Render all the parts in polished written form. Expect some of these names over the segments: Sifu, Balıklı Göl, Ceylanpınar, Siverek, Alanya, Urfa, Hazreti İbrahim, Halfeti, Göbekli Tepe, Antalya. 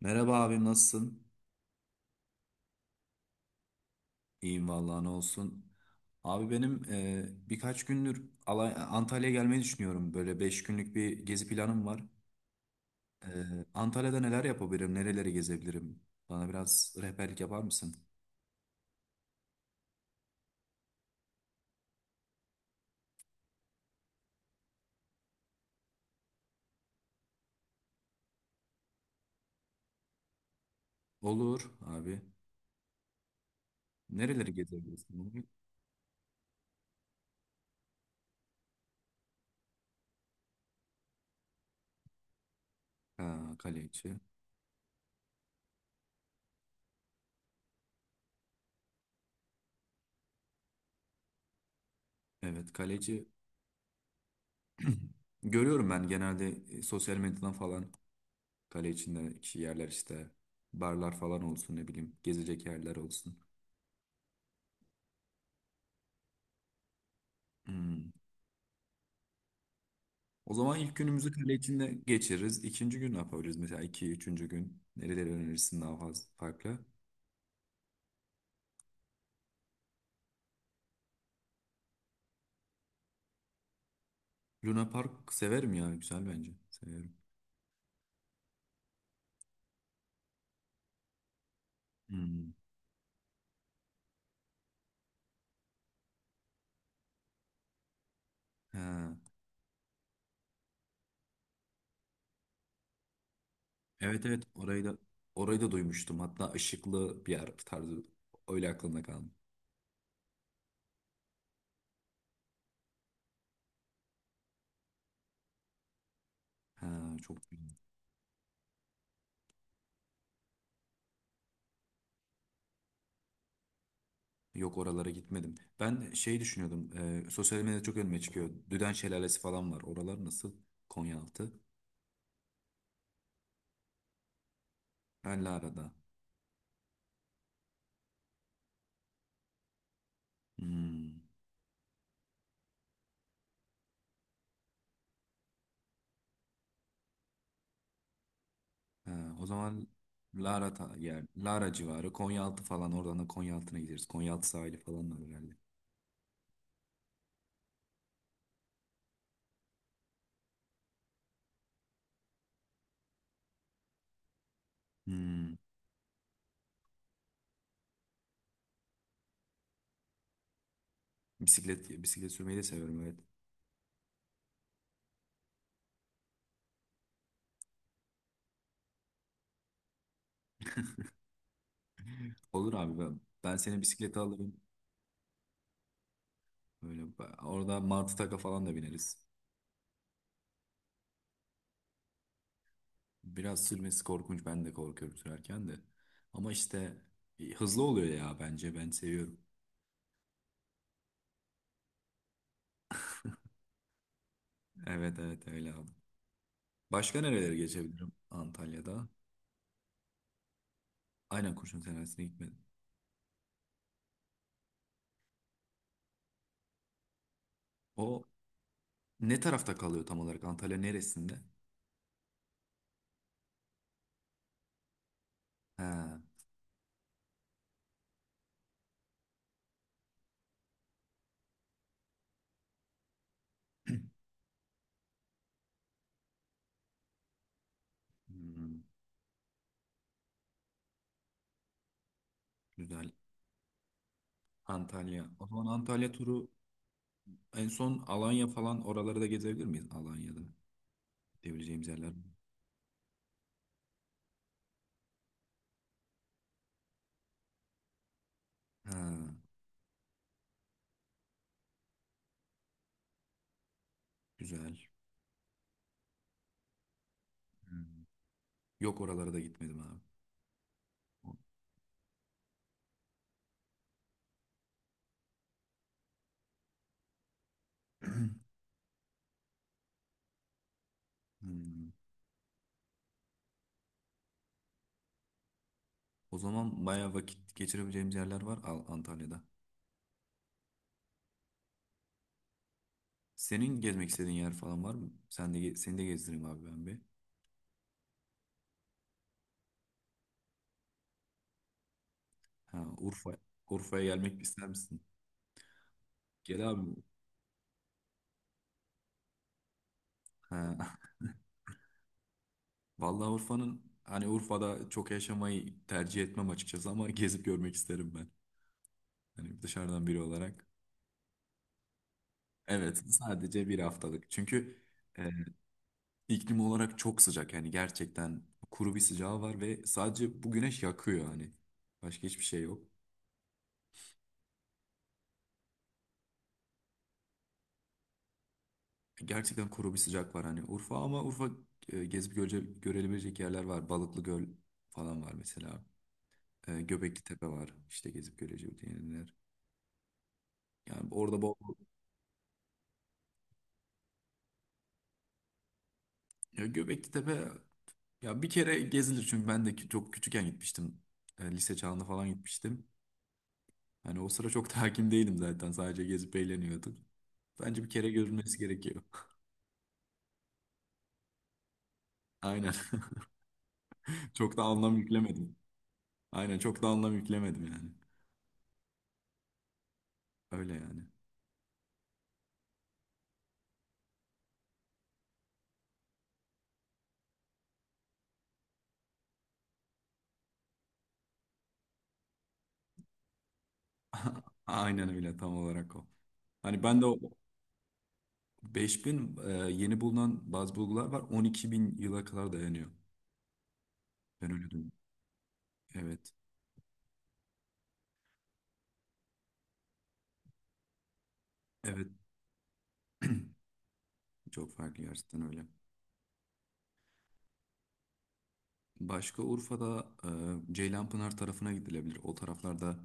Merhaba abim, nasılsın? İyiyim vallahi, ne olsun. Abi benim, birkaç gündür Antalya'ya gelmeyi düşünüyorum. Böyle 5 günlük bir gezi planım var. E, Antalya'da neler yapabilirim, nereleri gezebilirim? Bana biraz rehberlik yapar mısın? Olur abi. Nereleri gezebilirsin, abi? Ha, Kaleci. Evet, Kaleci. Görüyorum ben, genelde sosyal medyadan falan kale içindeki yerler, işte barlar falan olsun, ne bileyim gezecek yerler olsun. Hmm. O zaman ilk günümüzü kale içinde geçiririz. İkinci gün ne yapabiliriz? Mesela iki, üçüncü gün nereleri önerirsin, daha fazla farklı? Luna Park severim ya. Güzel bence. Severim. Hmm. Ha. Evet, evet, orayı da orayı da duymuştum. Hatta ışıklı bir yer tarzı öyle aklımda kaldı. Ha, çok güzel. Yok, oralara gitmedim. Ben şey düşünüyordum. Sosyal medyada çok önüme çıkıyor. Düden Şelalesi falan var. Oralar nasıl? Konyaaltı. Belli arada. Hmm. Ha, o zaman Lara yer, Lara civarı, Konyaaltı falan, oradan da Konyaaltı'na gideriz. Konyaaltı sahili falan var herhalde. Hmm, bisiklet sürmeyi de seviyorum, evet. Olur abi, ben seni bisiklete alırım. Böyle orada martı taka falan da bineriz. Biraz sürmesi korkunç, ben de korkuyorum sürerken de. Ama işte hızlı oluyor ya, bence ben seviyorum. Evet, evet, öyle abi. Başka nerelere geçebilirim Antalya'da? Aynen, Kurşun Senesi'ne gitmedim. O ne tarafta kalıyor tam olarak? Antalya neresinde? Ha, hmm, güzel. Antalya. O zaman Antalya turu en son Alanya falan, oraları da gezebilir miyiz? Alanya'da gidebileceğimiz yerler mi? Ha, güzel. Hmm. Yok, oralara da gitmedim abi. O- Hmm. O zaman bayağı vakit geçirebileceğimiz yerler var Antalya'da. Senin gezmek istediğin yer falan var mı? Sen de seni de gezdireyim abi, ben bir. Ha, Urfa. Urfa'ya gelmek ister misin? Gel abi. Ha. Vallahi Urfa'nın hani Urfa'da çok yaşamayı tercih etmem açıkçası, ama gezip görmek isterim ben. Hani dışarıdan biri olarak. Evet, sadece bir haftalık. Çünkü e, iklim olarak çok sıcak. Yani gerçekten kuru bir sıcağı var ve sadece bu güneş yakıyor hani. Başka hiçbir şey yok. Gerçekten kuru bir sıcak var hani Urfa, ama Urfa gezip görülebilecek yerler var. Balıklı Göl falan var mesela. Göbekli Tepe var. İşte gezip göreceğim yerler. Yani orada bol ya, Göbekli Tepe. Ya bir kere gezilir, çünkü ben de çok küçükken gitmiştim. Lise çağında falan gitmiştim. Hani o sıra çok da hakim değilim zaten. Sadece gezip eğleniyordum. Bence bir kere görülmesi gerekiyor. Aynen. Çok da anlam yüklemedim. Aynen, çok da anlam yüklemedim yani. Öyle yani. Aynen, öyle tam olarak o. Hani ben de o 5.000, yeni bulunan bazı bulgular var. 12.000 yıla kadar dayanıyor. Ben öyle duydum. Evet. Evet. Çok farklı gerçekten, öyle. Başka Urfa'da Ceylanpınar tarafına gidilebilir. O taraflarda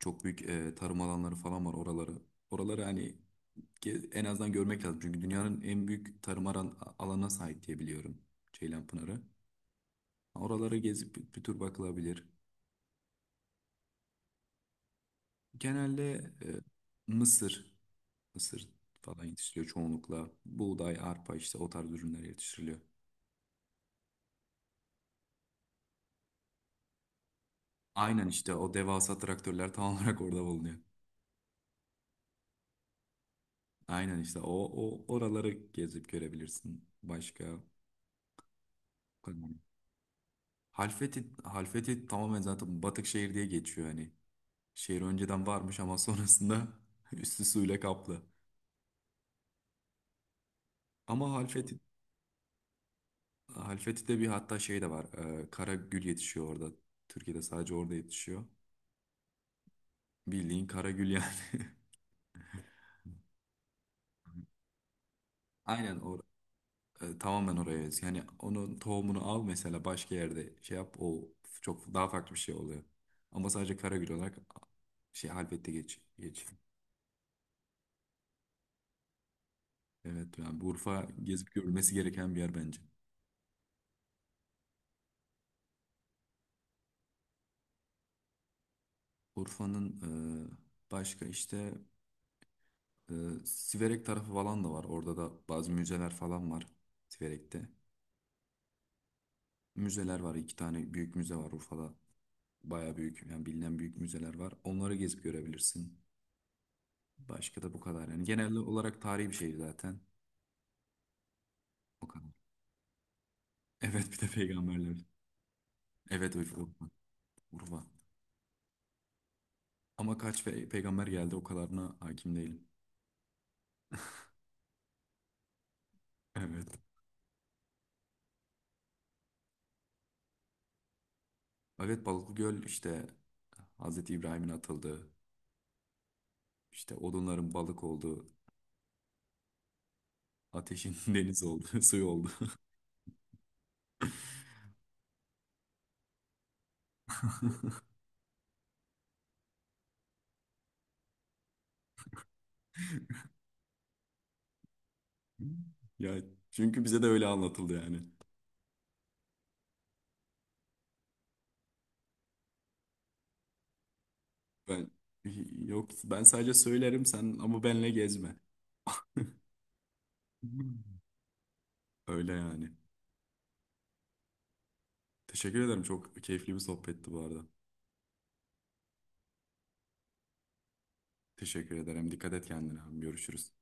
çok büyük tarım alanları falan var oraları. Oraları hani en azından görmek lazım. Çünkü dünyanın en büyük tarım alanına sahip diye biliyorum Ceylanpınar'ı. Oraları gezip bir tur bakılabilir. Genelde e, mısır, mısır falan yetiştiriliyor çoğunlukla. Buğday, arpa, işte o tarz ürünler yetiştiriliyor. Aynen işte o devasa traktörler tam olarak orada bulunuyor. Aynen işte o oraları gezip görebilirsin. Başka kalmadı. Halfeti tamamen zaten batık şehir diye geçiyor hani. Şehir önceden varmış, ama sonrasında üstü suyla kaplı. Ama Halfeti, Halfeti'de bir, hatta şey de var. Kara gül yetişiyor orada. Türkiye'de sadece orada yetişiyor. Bildiğin kara gül yani. Aynen, tamamen oraya özgü. Yani onun tohumunu al mesela, başka yerde şey yap, o çok daha farklı bir şey oluyor. Ama sadece kara gül olarak. Şey, Halfet'te geç. Geç. Evet yani, bu Urfa gezip görülmesi gereken bir yer bence. Urfa'nın başka işte e, Siverek tarafı falan da var. Orada da bazı müzeler falan var Siverek'te. Müzeler var. İki tane büyük müze var Urfa'da. Baya büyük yani, bilinen büyük müzeler var. Onları gezip görebilirsin. Başka da bu kadar yani. Genel olarak tarihi bir şehir zaten. O kadar. Evet, bir de peygamberler. Evet, Urfa. Urfa. Ama kaç peygamber geldi, o kadarına hakim değilim. Evet. Evet, Balıklıgöl işte Hazreti İbrahim'in atıldığı, işte odunların balık olduğu, ateşin deniz olduğu, suyu olduğu. Ya, çünkü bize de öyle anlatıldı yani. Ben yok, ben sadece söylerim, sen ama benle gezme. Öyle yani. Teşekkür ederim. Çok keyifli bir sohbetti bu arada. Teşekkür ederim. Dikkat et kendine. Görüşürüz.